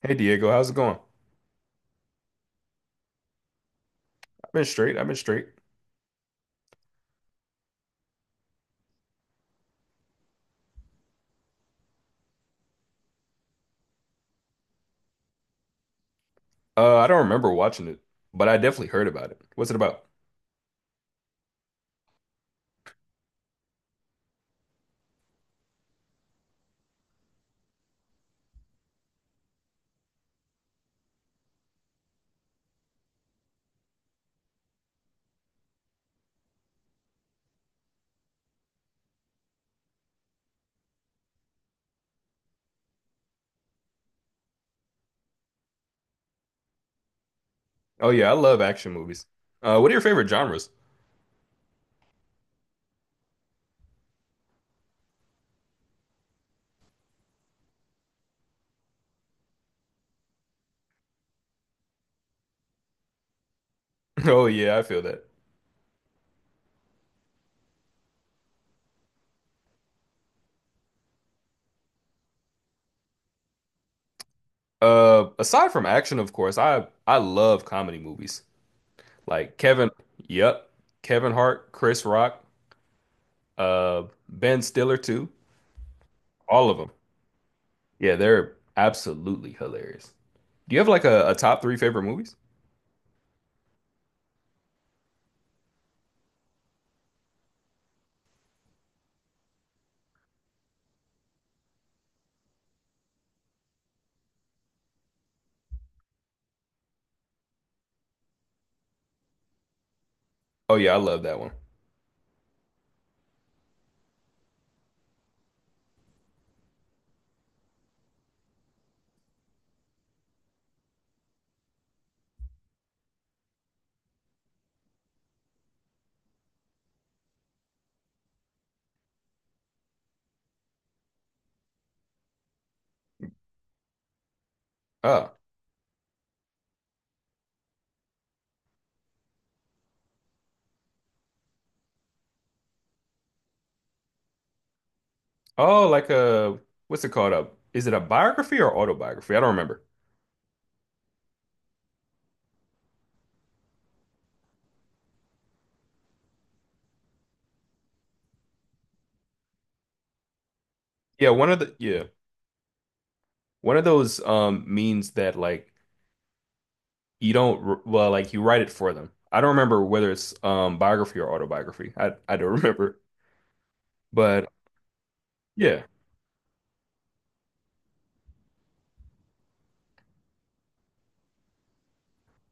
Hey Diego, how's it going? I've been straight. I've been straight. I don't remember watching it, but I definitely heard about it. What's it about? Oh yeah, I love action movies. What are your favorite genres? Oh yeah, I feel that. Aside from action, of course, I love comedy movies. Like Kevin, yep, Kevin Hart, Chris Rock, Ben Stiller too. All of them. Yeah, they're absolutely hilarious. Do you have like a top three favorite movies? Oh yeah, I love that one. Oh, oh, like a what's it called? A is it a biography or autobiography? I don't remember. Yeah, one of those means that like you don't well, like you write it for them. I don't remember whether it's biography or autobiography. I don't remember. But yeah,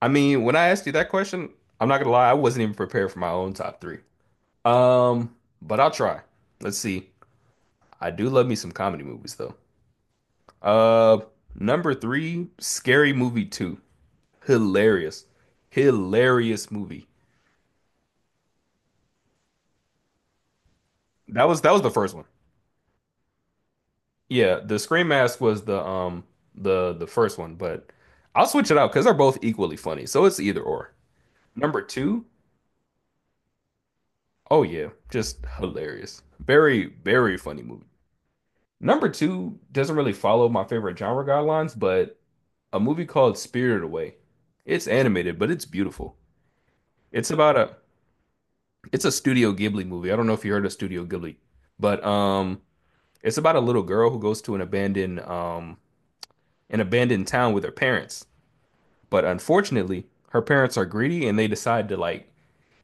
I mean, when I asked you that question, I'm not gonna lie, I wasn't even prepared for my own top three. Um, but I'll try. Let's see. I do love me some comedy movies though. Uh, number three, Scary Movie 2. Hilarious. Hilarious movie. That was the first one. Yeah, the Scream Mask was the the first one, but I'll switch it out because they're both equally funny. So it's either or. Number two, oh yeah, just hilarious. Very, very funny movie. Number two doesn't really follow my favorite genre guidelines, but a movie called Spirited Away. It's animated, but it's beautiful. It's about a it's a Studio Ghibli movie. I don't know if you heard of Studio Ghibli, but it's about a little girl who goes to an abandoned town with her parents. But unfortunately, her parents are greedy and they decide to like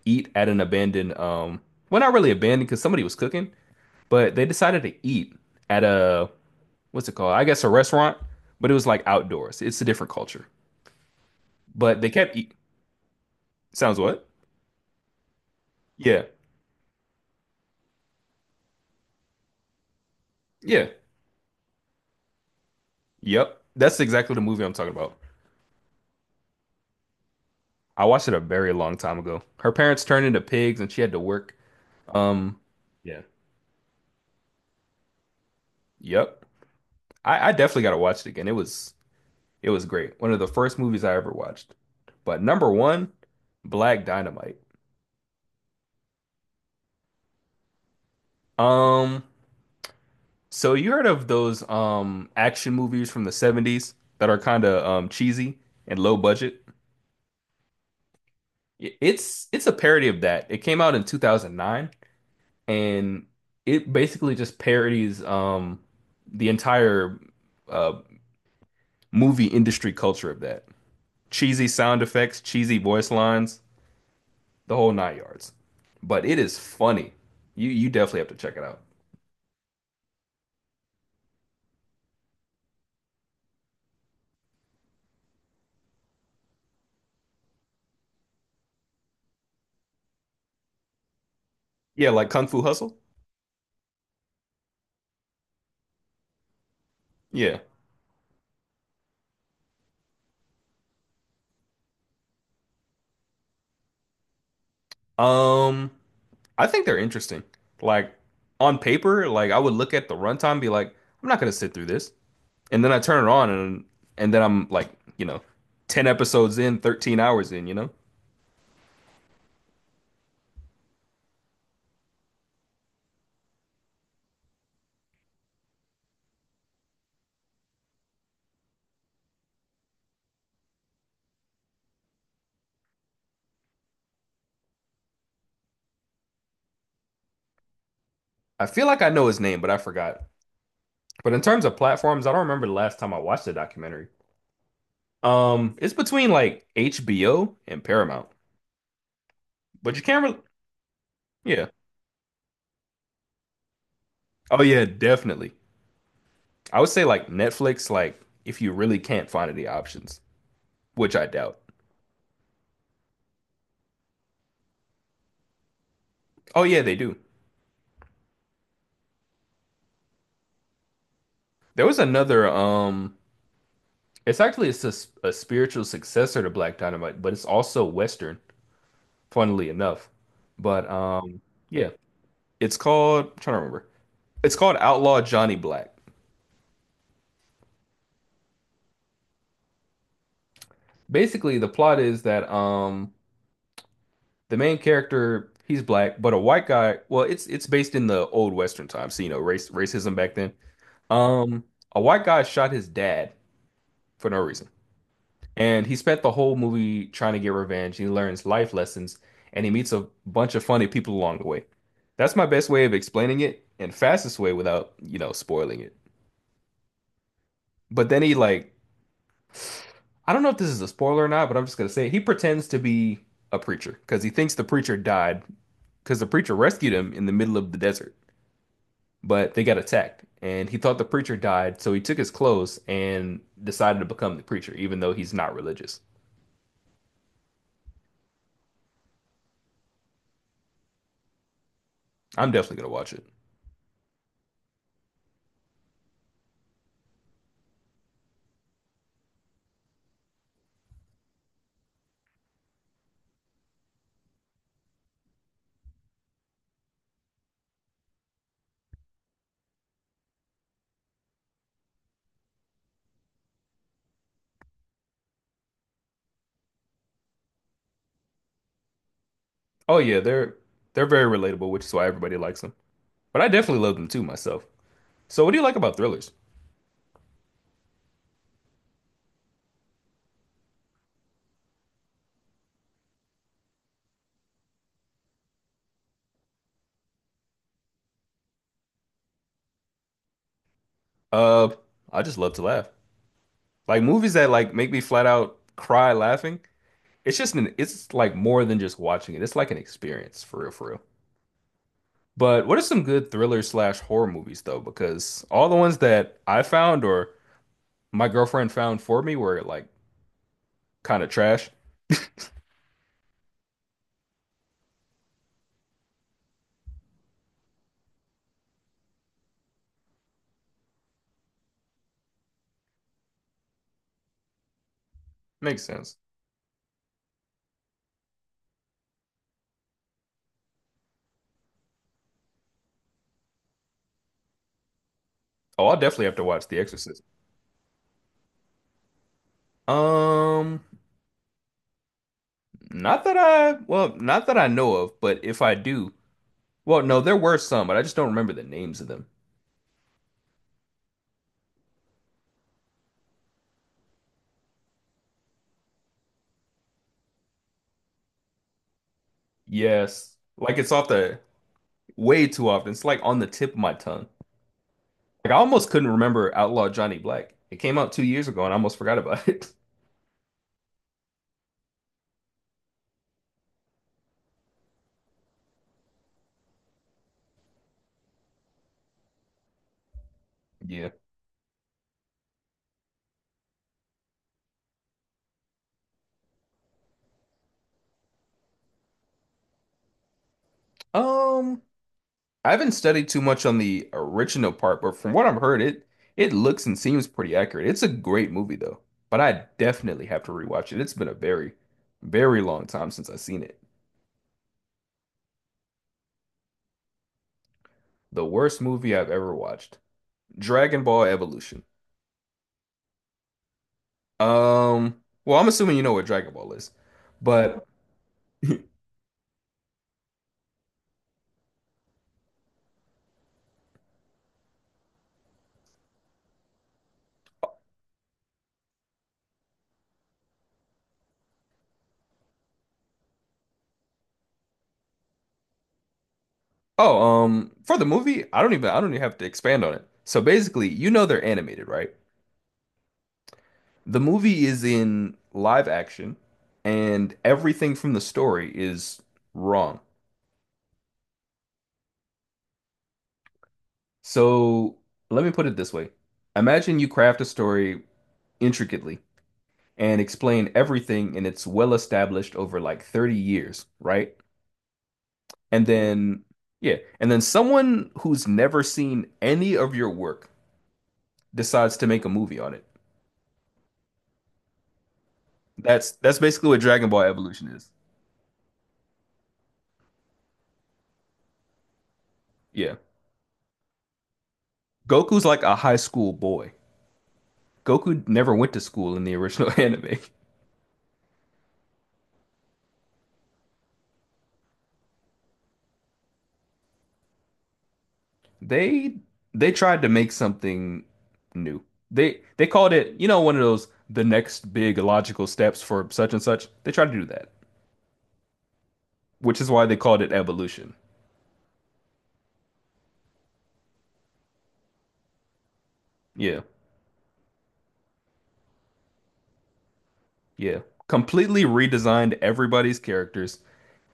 eat at an abandoned well, not really abandoned because somebody was cooking, but they decided to eat at a what's it called? I guess a restaurant, but it was like outdoors. It's a different culture. But they kept eat sounds what? Yeah. Yeah. Yep. That's exactly the movie I'm talking about. I watched it a very long time ago. Her parents turned into pigs and she had to work. Um, yeah. Yep. I definitely gotta watch it again. It was great. One of the first movies I ever watched. But number one, Black Dynamite. Um, so you heard of those action movies from the 70s that are kind of cheesy and low budget? It's a parody of that. It came out in 2009 and it basically just parodies the entire uh movie industry culture of that. Cheesy sound effects, cheesy voice lines, the whole nine yards. But it is funny. You definitely have to check it out. Yeah, like Kung Fu Hustle. Yeah. Um, I think they're interesting. Like on paper, like I would look at the runtime and be like, I'm not gonna sit through this. And then I turn it on, and then I'm like, you know, ten episodes in, 13 hours in. You know, I feel like I know his name, but I forgot. But in terms of platforms, I don't remember the last time I watched a documentary. It's between like HBO and Paramount, but you can't. Yeah. Oh yeah, definitely. I would say like Netflix, like if you really can't find any options, which I doubt. Oh yeah, they do. There was another it's actually a spiritual successor to Black Dynamite, but it's also Western, funnily enough. But um, yeah, it's called I'm trying to remember. It's called Outlaw Johnny Black. Basically, the plot is that the main character, he's black, but a white guy, well, it's based in the old Western times, so you know, race racism back then. Um, a white guy shot his dad for no reason. And he spent the whole movie trying to get revenge. He learns life lessons and he meets a bunch of funny people along the way. That's my best way of explaining it and fastest way without, you know, spoiling it. But then he like, I don't know if this is a spoiler or not, but I'm just gonna say it. He pretends to be a preacher because he thinks the preacher died because the preacher rescued him in the middle of the desert, but they got attacked. And he thought the preacher died, so he took his clothes and decided to become the preacher, even though he's not religious. I'm definitely gonna watch it. Oh yeah, they're very relatable, which is why everybody likes them. But I definitely love them too myself. So what do you like about thrillers? Uh, I just love to laugh. Like movies that like make me flat out cry laughing. It's like more than just watching it. It's like an experience for real, for real. But what are some good thriller slash horror movies though? Because all the ones that I found or my girlfriend found for me were like kind of trash. Makes sense. Oh, I'll definitely have to watch The Exorcist. Um, Not that I, well, not that I know of, but if I do, well, no, there were some, but I just don't remember the names of them. Yes. Like it's off the way too often. It's like on the tip of my tongue. Like I almost couldn't remember Outlaw Johnny Black. It came out 2 years ago and I almost forgot about it. Yeah. Um, I haven't studied too much on the original part, but from what I've heard, it looks and seems pretty accurate. It's a great movie though, but I definitely have to rewatch it. It's been a very, very long time since I've seen it. The worst movie I've ever watched. Dragon Ball Evolution. Well, I'm assuming you know what Dragon Ball is, but oh, for the movie, I don't even have to expand on it. So basically, you know they're animated, right? The movie is in live action, and everything from the story is wrong. So let me put it this way: imagine you craft a story intricately and explain everything, and it's well established over like 30 years, right? And then, yeah, and then someone who's never seen any of your work decides to make a movie on it. That's basically what Dragon Ball Evolution is. Yeah. Goku's like a high school boy. Goku never went to school in the original anime. They they tried to make something new. They called it, you know, one of those the next big logical steps for such and such. They tried to do that, which is why they called it evolution. Yeah. Yeah. Completely redesigned everybody's characters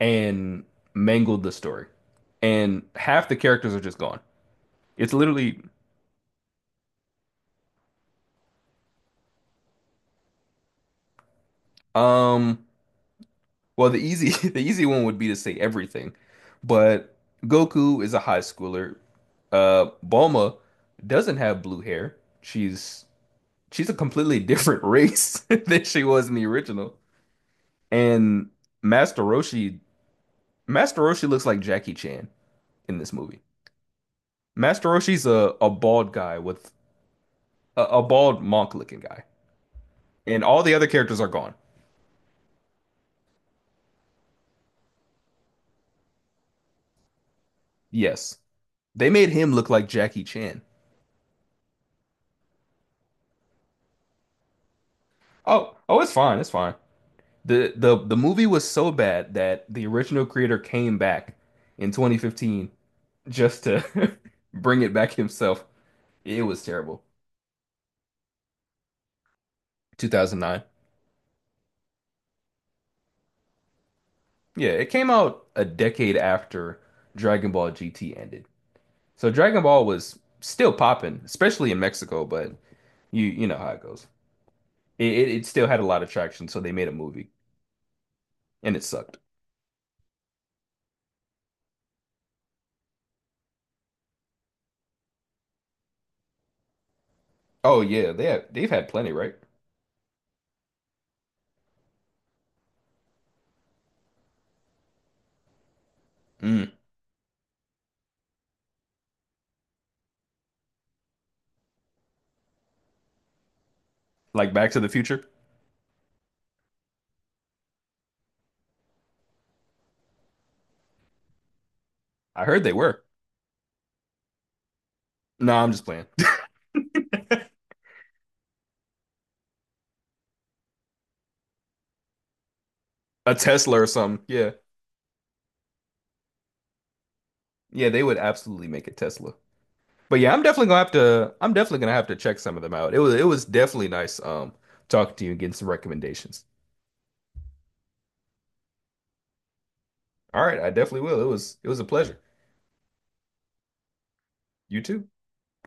and mangled the story. And half the characters are just gone. It's literally um well, the easy the easy one would be to say everything. But Goku is a high schooler. Uh, Bulma doesn't have blue hair. She's she's a completely different race than she was in the original. And Master Roshi Master Roshi looks like Jackie Chan in this movie. Master Roshi's a bald guy with a bald monk looking guy. And all the other characters are gone. Yes. They made him look like Jackie Chan. Oh, oh, it's fine, it's fine. The movie was so bad that the original creator came back in 2015 just to bring it back himself. It was terrible. 2009. Yeah, it came out a decade after Dragon Ball GT ended. So Dragon Ball was still popping, especially in Mexico, but you know how it goes. It still had a lot of traction, so they made a movie, and it sucked. Oh yeah, they have, they've had plenty, right? Mm. Like Back to the Future. I heard they were. No, I'm just playing. A Tesla or something. Yeah, yeah, they would absolutely make a Tesla. But yeah, I'm definitely gonna have to. I'm definitely gonna have to check some of them out. It was definitely nice talking to you and getting some recommendations. All right, I definitely will. It was a pleasure. You too.